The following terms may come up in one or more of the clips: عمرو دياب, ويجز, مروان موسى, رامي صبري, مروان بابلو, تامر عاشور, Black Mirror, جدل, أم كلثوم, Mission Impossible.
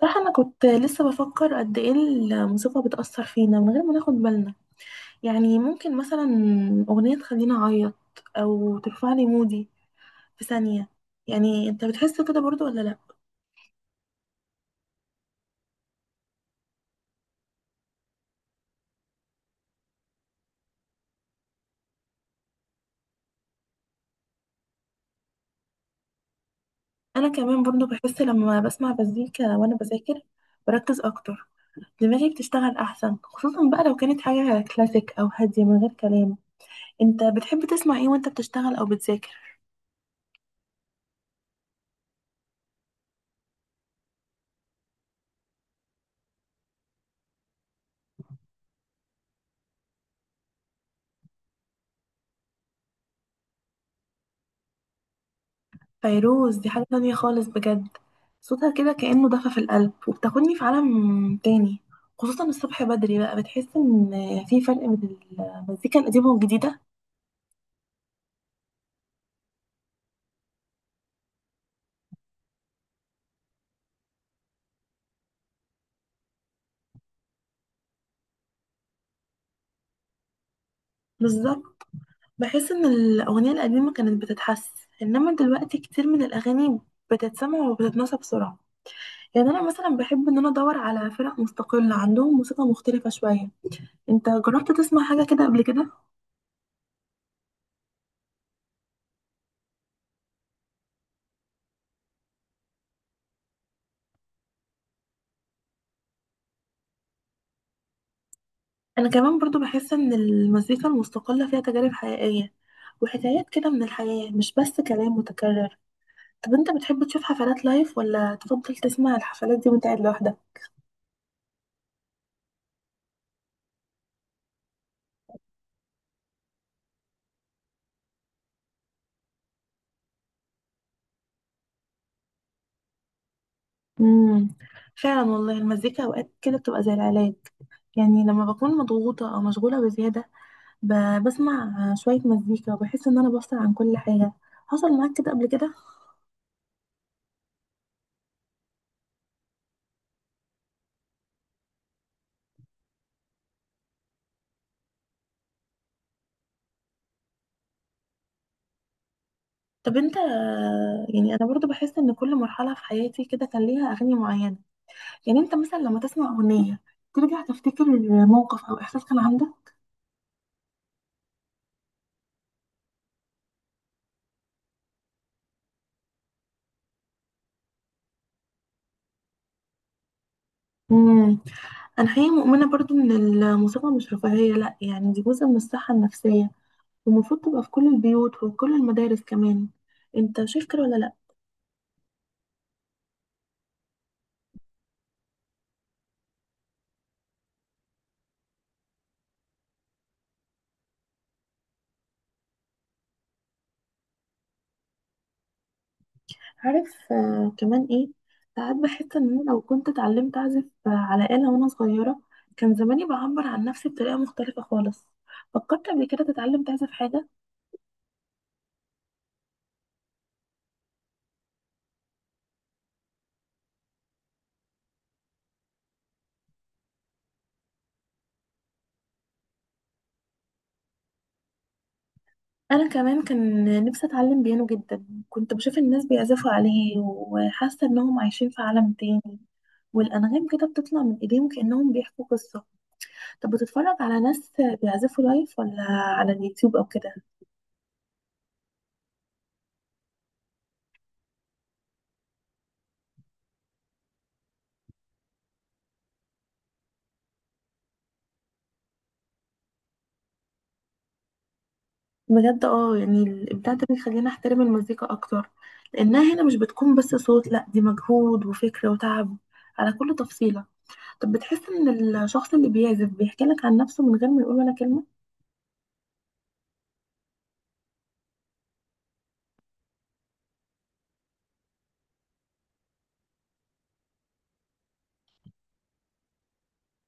صراحة أنا كنت لسه بفكر قد إيه الموسيقى بتأثر فينا من غير ما ناخد بالنا. يعني ممكن مثلا أغنية تخليني أعيط أو ترفع لي مودي في ثانية. يعني أنت بتحس كده برضو ولا لأ؟ أنا كمان برضو بحس لما بسمع مزيكا وأنا بذاكر، بركز أكتر، دماغي بتشتغل أحسن، خصوصا بقى لو كانت حاجة كلاسيك أو هادية من غير كلام. أنت بتحب تسمع إيه وأنت بتشتغل أو بتذاكر؟ فيروز دي حاجة تانية خالص بجد. صوتها كده كأنه دفى في القلب وبتاخدني في عالم تاني، خصوصا الصبح بدري بقى. بتحس ان في فرق بين المزيكا القديمة والجديدة. بالظبط. بحس ان الأغنية القديمة كانت بتتحس، انما دلوقتي كتير من الأغاني بتتسمع وبتتنسى بسرعة. يعني انا مثلا بحب ان انا ادور على فرق مستقلة عندهم موسيقى مختلفة شوية. انت جربت تسمع حاجة كده قبل كده؟ انا كمان برضو بحس ان المزيكا المستقلة فيها تجارب حقيقية وحكايات كده من الحياة، مش بس كلام متكرر. طب انت بتحب تشوف حفلات لايف ولا تفضل تسمع الحفلات دي وانت قاعد لوحدك؟ امم فعلا والله المزيكا اوقات كده بتبقى زي العلاج. يعني لما بكون مضغوطة او مشغولة بزيادة، بسمع شوية مزيكا وبحس ان انا بفصل عن كل حاجة. حصل معاك كده قبل كده؟ طب انت، يعني انا برضو بحس ان كل مرحلة في حياتي كده كان ليها اغاني معينة. يعني انت مثلا لما تسمع اغنيه ترجع تفتكر موقف او احساس كان عندك؟ امم انا حقيقه مؤمنه برضو ان الموسيقى مش رفاهيه، لا، يعني دي جزء من الصحه النفسيه، والمفروض تبقى في كل البيوت وفي كل المدارس كمان. انت شايف كده ولا لا؟ عارف كمان ايه؟ ساعات بحس ان انا لو كنت اتعلمت اعزف على آلة وانا صغيره، كان زماني بعبر عن نفسي بطريقه مختلفه خالص. فكرت قبل كده تتعلم تعزف حاجه؟ انا كمان كان نفسي اتعلم بيانو جدا. كنت بشوف الناس بيعزفوا عليه وحاسه انهم عايشين في عالم تاني، والانغام كده بتطلع من ايديهم كانهم بيحكوا قصه. طب بتتفرج على ناس بيعزفوا لايف ولا على اليوتيوب او كده؟ بجد يعني الابداع ده بيخلينا احترم المزيكا اكتر، لانها هنا مش بتكون بس صوت، لا دي مجهود وفكر وتعب على كل تفصيله. طب بتحس ان الشخص اللي بيعزف بيحكي لك عن نفسه من غير ما يقول ولا كلمه؟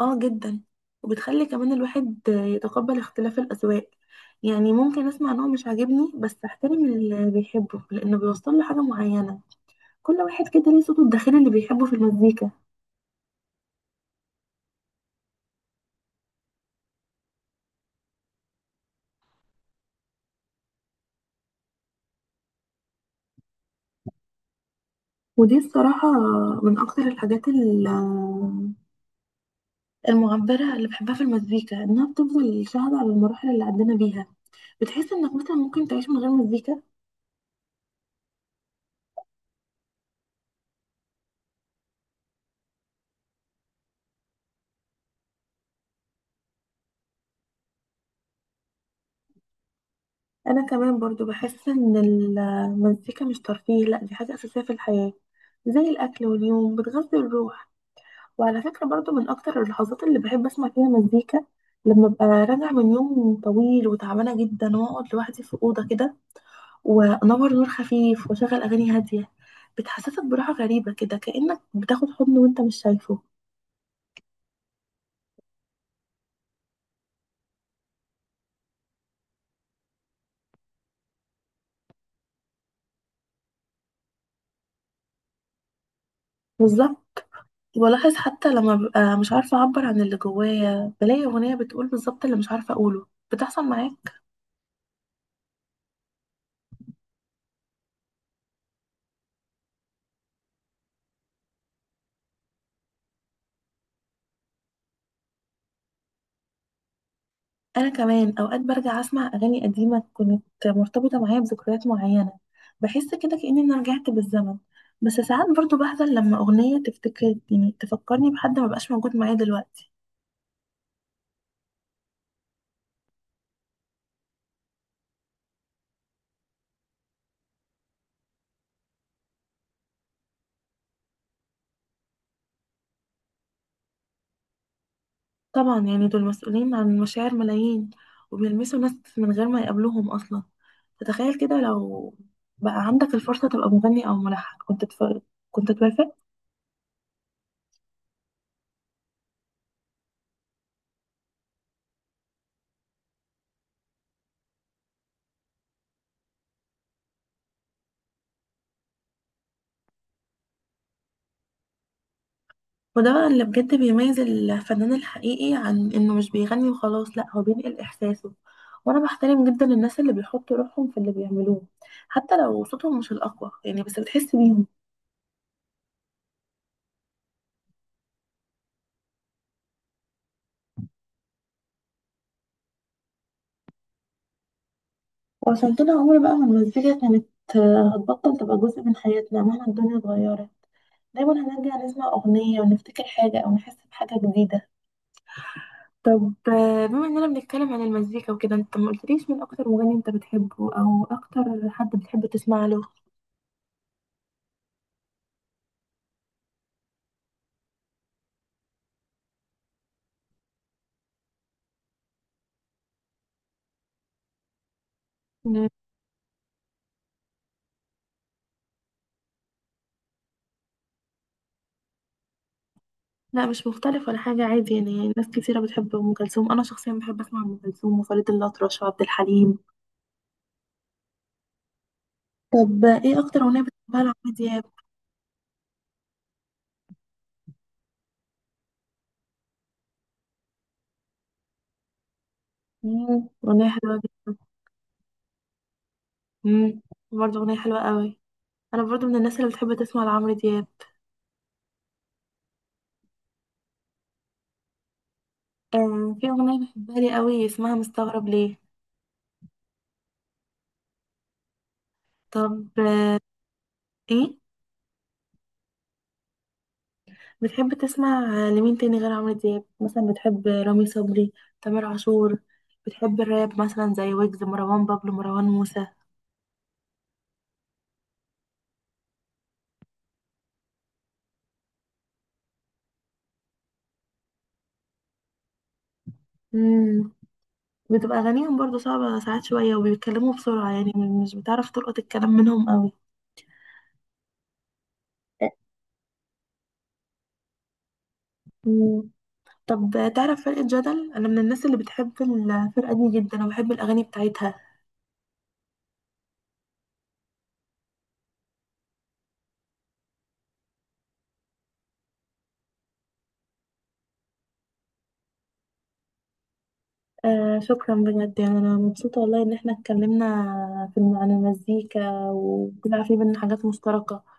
اه جدا. وبتخلي كمان الواحد يتقبل اختلاف الأذواق. يعني ممكن اسمع نوع مش عاجبني بس احترم اللي بيحبه لانه بيوصل له حاجة معينة. كل واحد كده ليه صوته الداخلي اللي بيحبه في المزيكا. ودي الصراحة من اكتر الحاجات المعبرة اللي بحبها في المزيكا، انها بتفضل شاهدة على المراحل اللي عدينا بيها. بتحس انك مثلا ممكن تعيش من غير مزيكا؟ انا كمان برضو بحس ان المزيكا مش ترفيه، لا دي حاجة اساسية في الحياة زي الأكل واليوم بتغذي الروح. وعلى فكرة برضو من أكتر اللحظات اللي بحب أسمع فيها مزيكا لما أبقى راجعة من يوم طويل وتعبانة جدا وأقعد لوحدي في أوضة كده وأنور نور خفيف وأشغل أغاني هادية. بتحسسك براحة غريبة كده كأنك بتاخد حضن وأنت مش شايفه. بالظبط. ولاحظ حتى لما ببقى مش عارفة أعبر عن اللي جوايا بلاقي أغنية بتقول بالظبط اللي مش عارفة أقوله. بتحصل معايا؟ انا كمان اوقات برجع اسمع اغاني قديمه كانت مرتبطه معايا بذكريات معينه، بحس كده كاني انا رجعت بالزمن. بس ساعات برضو بحزن لما اغنيه تفتكر، يعني تفكرني بحد ما بقاش موجود معايا دلوقتي. طبعا يعني دول مسؤولين عن مشاعر ملايين وبيلمسوا ناس من غير ما يقابلوهم اصلا. فتخيل كده لو بقى عندك الفرصه تبقى مغني او ملحن، كنت توافق؟ وده بقى اللي بجد بيميز الفنان الحقيقي، عن انه مش بيغني وخلاص، لا هو بينقل احساسه. وانا بحترم جدا الناس اللي بيحطوا روحهم في اللي بيعملوه حتى لو صوتهم مش الاقوى، يعني بس بتحس بيهم. وعشان كده عمر بقى ما المزيكا كانت هتبطل تبقى جزء من حياتنا مهما الدنيا اتغيرت. دايما هنرجع نسمع اغنية ونفتكر حاجة او نحس بحاجة جديدة. طب بما اننا بنتكلم عن المزيكا وكده، انت ما قلتليش مين اكتر مغني انت بتحبه او اكتر حد بتحب تسمع له؟ لا مش مختلف ولا حاجة، عادي، يعني ناس كتيرة بتحب أم كلثوم. أنا شخصيا بحب أسمع أم كلثوم وفريد الأطرش وعبد الحليم. طب إيه أكتر أغنية بتحبها لعمرو دياب؟ أغنية حلوة جدا. مم، برضه أغنية حلوة قوي. أنا برضه من الناس اللي بتحب تسمع لعمرو دياب. آه في أغنية بحبها لي قوي اسمها مستغرب ليه. طب إيه بتحب تسمع لمين تاني غير عمرو دياب؟ مثلا بتحب رامي صبري؟ تامر عاشور؟ بتحب الراب مثلا زي ويجز، مروان بابلو، مروان موسى؟ مم، بتبقى أغانيهم برضو صعبة ساعات شوية وبيتكلموا بسرعة، يعني مش بتعرف تلقط الكلام منهم قوي. مم. طب تعرف فرقة جدل؟ أنا من الناس اللي بتحب الفرقة دي جدا وبحب الأغاني بتاعتها. آه شكرا بجد، يعني أنا مبسوطة والله إن احنا اتكلمنا في عن المزيكا وطلع في بينا حاجات مشتركة.